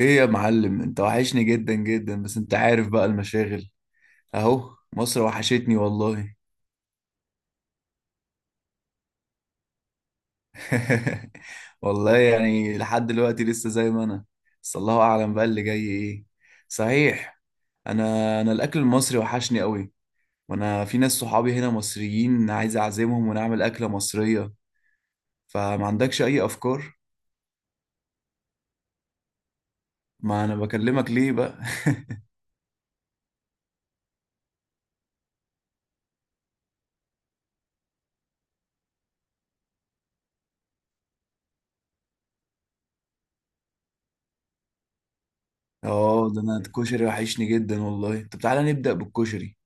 ايه يا معلم، انت وحشني جدا جدا. بس انت عارف بقى المشاغل. اهو مصر وحشتني والله. والله يعني لحد دلوقتي لسه زي ما انا. بس الله اعلم بقى اللي جاي ايه. صحيح، انا الاكل المصري وحشني قوي، وانا في ناس صحابي هنا مصريين عايز اعزمهم ونعمل اكلة مصرية. فما عندكش اي افكار؟ ما انا بكلمك ليه بقى. اه، ده انا الكشري وحشني جدا والله. طب تعالى نبدأ بالكشري.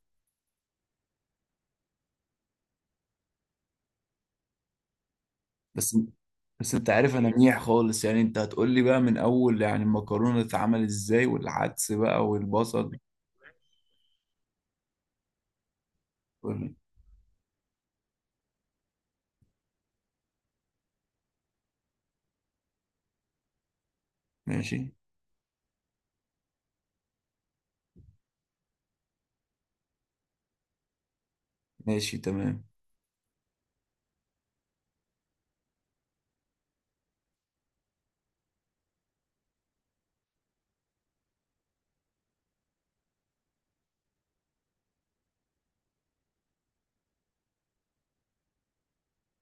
بس بس انت عارف انا منيح خالص يعني. انت هتقول لي بقى من اول يعني المكرونه تتعمل ازاي، والعدس بقى، والبصل وال... ماشي. ماشي تمام.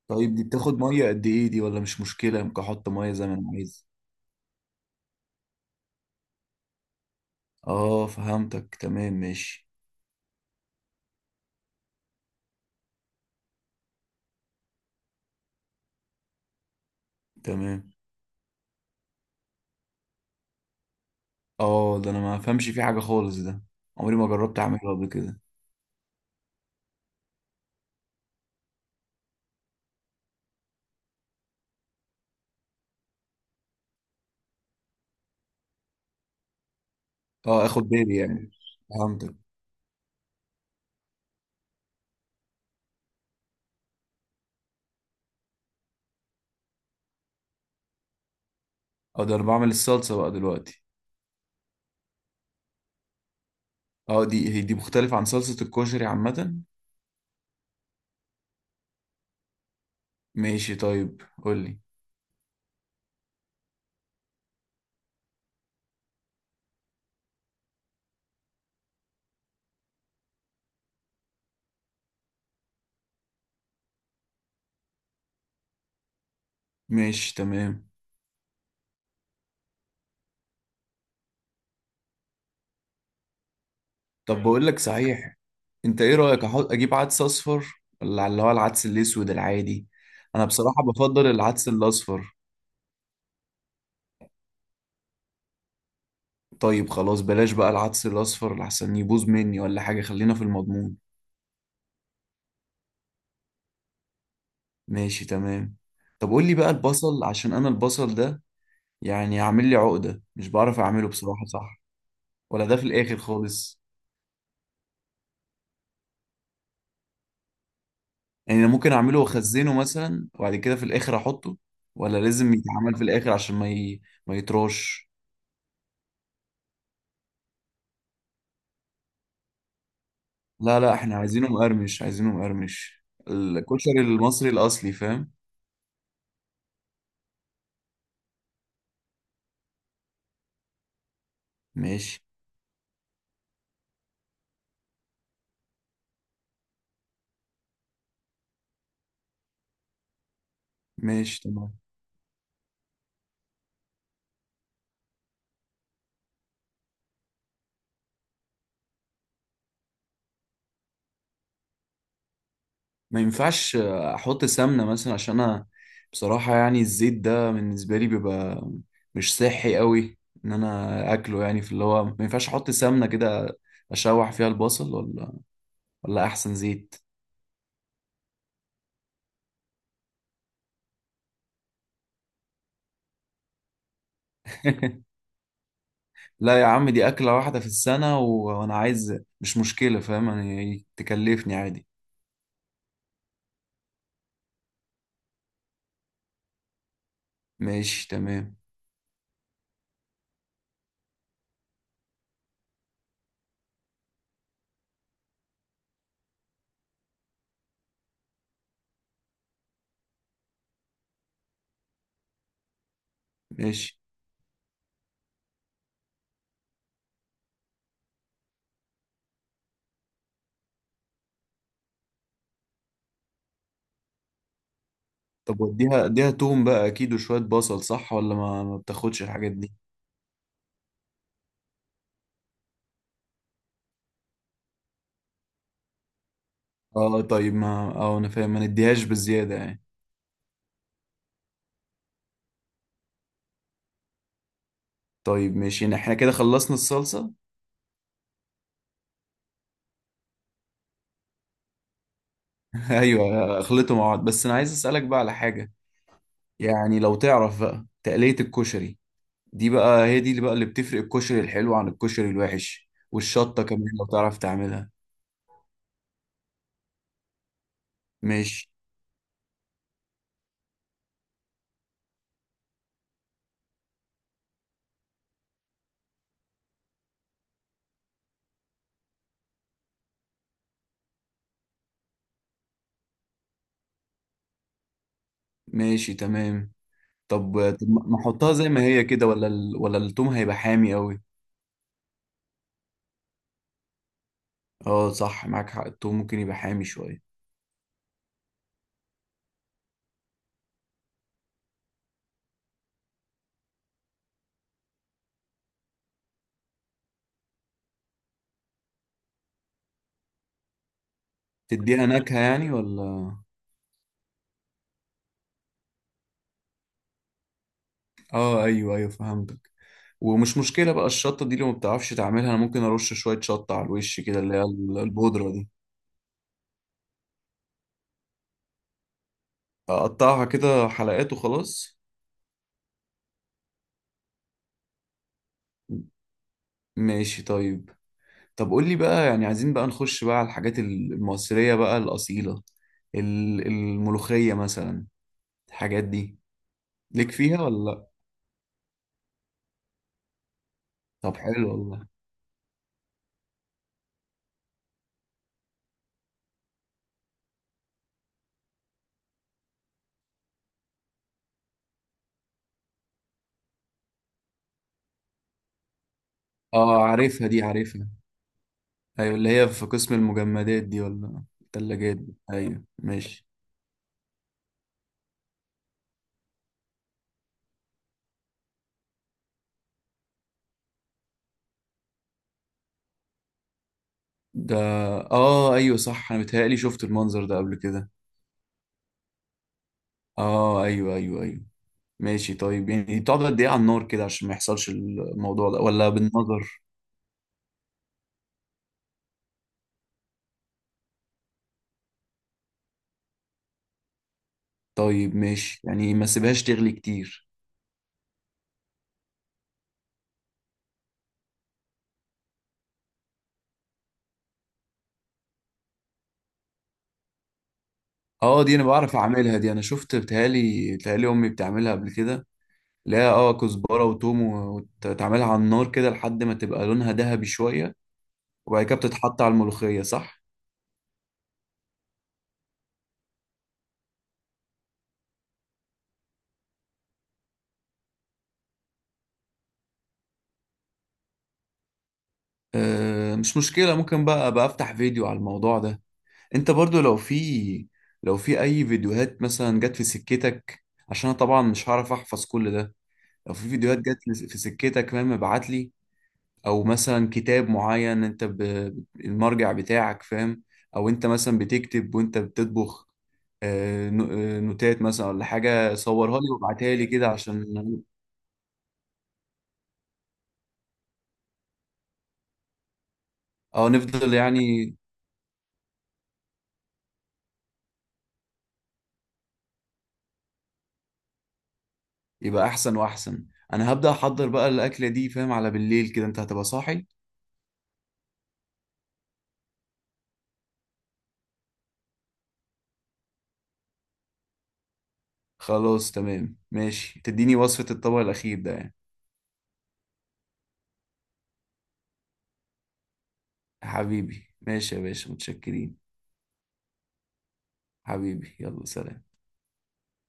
طيب دي بتاخد ميه قد ايه دي، ولا مش مشكله ممكن احط ميه زي ما انا عايز؟ اه فهمتك تمام. ماشي تمام. اه، ده انا ما فهمش فيه حاجه خالص ده، عمري ما جربت اعمله قبل كده. اه اخد بالي يعني، فهمتك. اه، ده انا بعمل الصلصه بقى دلوقتي؟ اه دي هي دي مختلفه عن صلصه الكشري عامه؟ ماشي طيب قول لي. ماشي تمام. طب بقول لك صحيح، انت ايه رأيك احط اجيب عدس اصفر، ولا اللي هو العدس الاسود العادي؟ انا بصراحة بفضل العدس الاصفر. طيب خلاص بلاش بقى العدس الاصفر لحسن يبوظ مني ولا حاجة، خلينا في المضمون. ماشي تمام. طب قول لي بقى البصل، عشان انا البصل ده يعني عامل لي عقدة، مش بعرف اعمله بصراحة. صح، ولا ده في الاخر خالص؟ يعني انا ممكن اعمله واخزنه مثلا وبعد كده في الاخر احطه، ولا لازم يتعمل في الاخر عشان ما يتراش؟ لا لا، احنا عايزينه مقرمش، عايزينه مقرمش الكشري المصري الاصلي، فاهم؟ ماشي. ماشي تمام. ما ينفعش احط سمنه مثلا؟ عشان انا بصراحه يعني الزيت ده بالنسبه لي بيبقى مش صحي قوي ان انا اكله يعني. في اللي هو ما ينفعش احط سمنه كده اشوح فيها البصل، ولا ولا احسن زيت؟ لا يا عم، دي اكله واحده في السنه، وانا عايز، مش مشكله فاهم، يعني تكلفني عادي. ماشي تمام. ماشي. طب واديها، اديها توم بقى اكيد وشوية بصل، صح، ولا ما بتاخدش الحاجات دي؟ اه طيب ما، اه انا فاهم، ما نديهاش بالزيادة يعني. طيب ماشي، يعني احنا كده خلصنا الصلصة. ايوه خلطوا مع بعض. بس انا عايز اسألك بقى على حاجة، يعني لو تعرف بقى تقلية الكشري، دي بقى هي دي اللي بقى اللي بتفرق الكشري الحلو عن الكشري الوحش. والشطة كمان لو تعرف تعملها. ماشي. ماشي تمام. طب طب ما احطها زي ما هي كده، ولا التوم هيبقى حامي قوي؟ اه صح، معاك حق، التوم ممكن يبقى حامي شوية. تديها نكهة يعني ولا؟ اه ايوه ايوه، فهمتك. ومش مشكلة بقى الشطة دي لو ما بتعرفش تعملها، انا ممكن ارش شوية شطة على الوش كده اللي هي البودرة دي. اقطعها كده حلقات وخلاص؟ ماشي طيب. طب قول لي بقى، يعني عايزين بقى نخش بقى على الحاجات المصرية بقى الأصيلة، الملوخية مثلا، الحاجات دي، ليك فيها ولا لا؟ طب حلو والله. اه عارفها دي، عارفها. ايوه اللي هي في قسم المجمدات دي، ولا الثلاجات دي؟ ايوه ماشي. ده اه ايوه صح، انا متهيألي شفت المنظر ده قبل كده. اه ايوه ايوه ايوه. ماشي طيب، يعني بتقعد قد ايه على النار كده عشان ما يحصلش الموضوع ده، ولا بالنظر؟ طيب ماشي، يعني ما سيبهاش تغلي كتير. اه دي انا بعرف اعملها دي، انا شفت، بتهيألي بتهيألي امي بتعملها قبل كده. لا اه، كزبرة وتوم وتعملها على النار كده لحد ما تبقى لونها ذهبي شوية، وبعد كده بتتحط على الملوخية صح؟ آه مش مشكلة، ممكن بقى بقى افتح فيديو على الموضوع ده. انت برضو لو في، لو في اي فيديوهات مثلا جت في سكتك، عشان انا طبعا مش هعرف احفظ كل ده. لو في فيديوهات جت في سكتك فاهم ابعت لي. او مثلا كتاب معين انت المرجع بتاعك فاهم. او انت مثلا بتكتب وانت بتطبخ نوتات مثلا ولا حاجة، صورها لي وابعتها لي كده عشان اه نفضل يعني، يبقى احسن واحسن. انا هبدأ احضر بقى الاكلة دي فاهم، على بالليل كده انت هتبقى صاحي. خلاص تمام ماشي، تديني وصفة الطبق الأخير ده يعني. حبيبي ماشي يا باشا، متشكرين. حبيبي يلا سلام.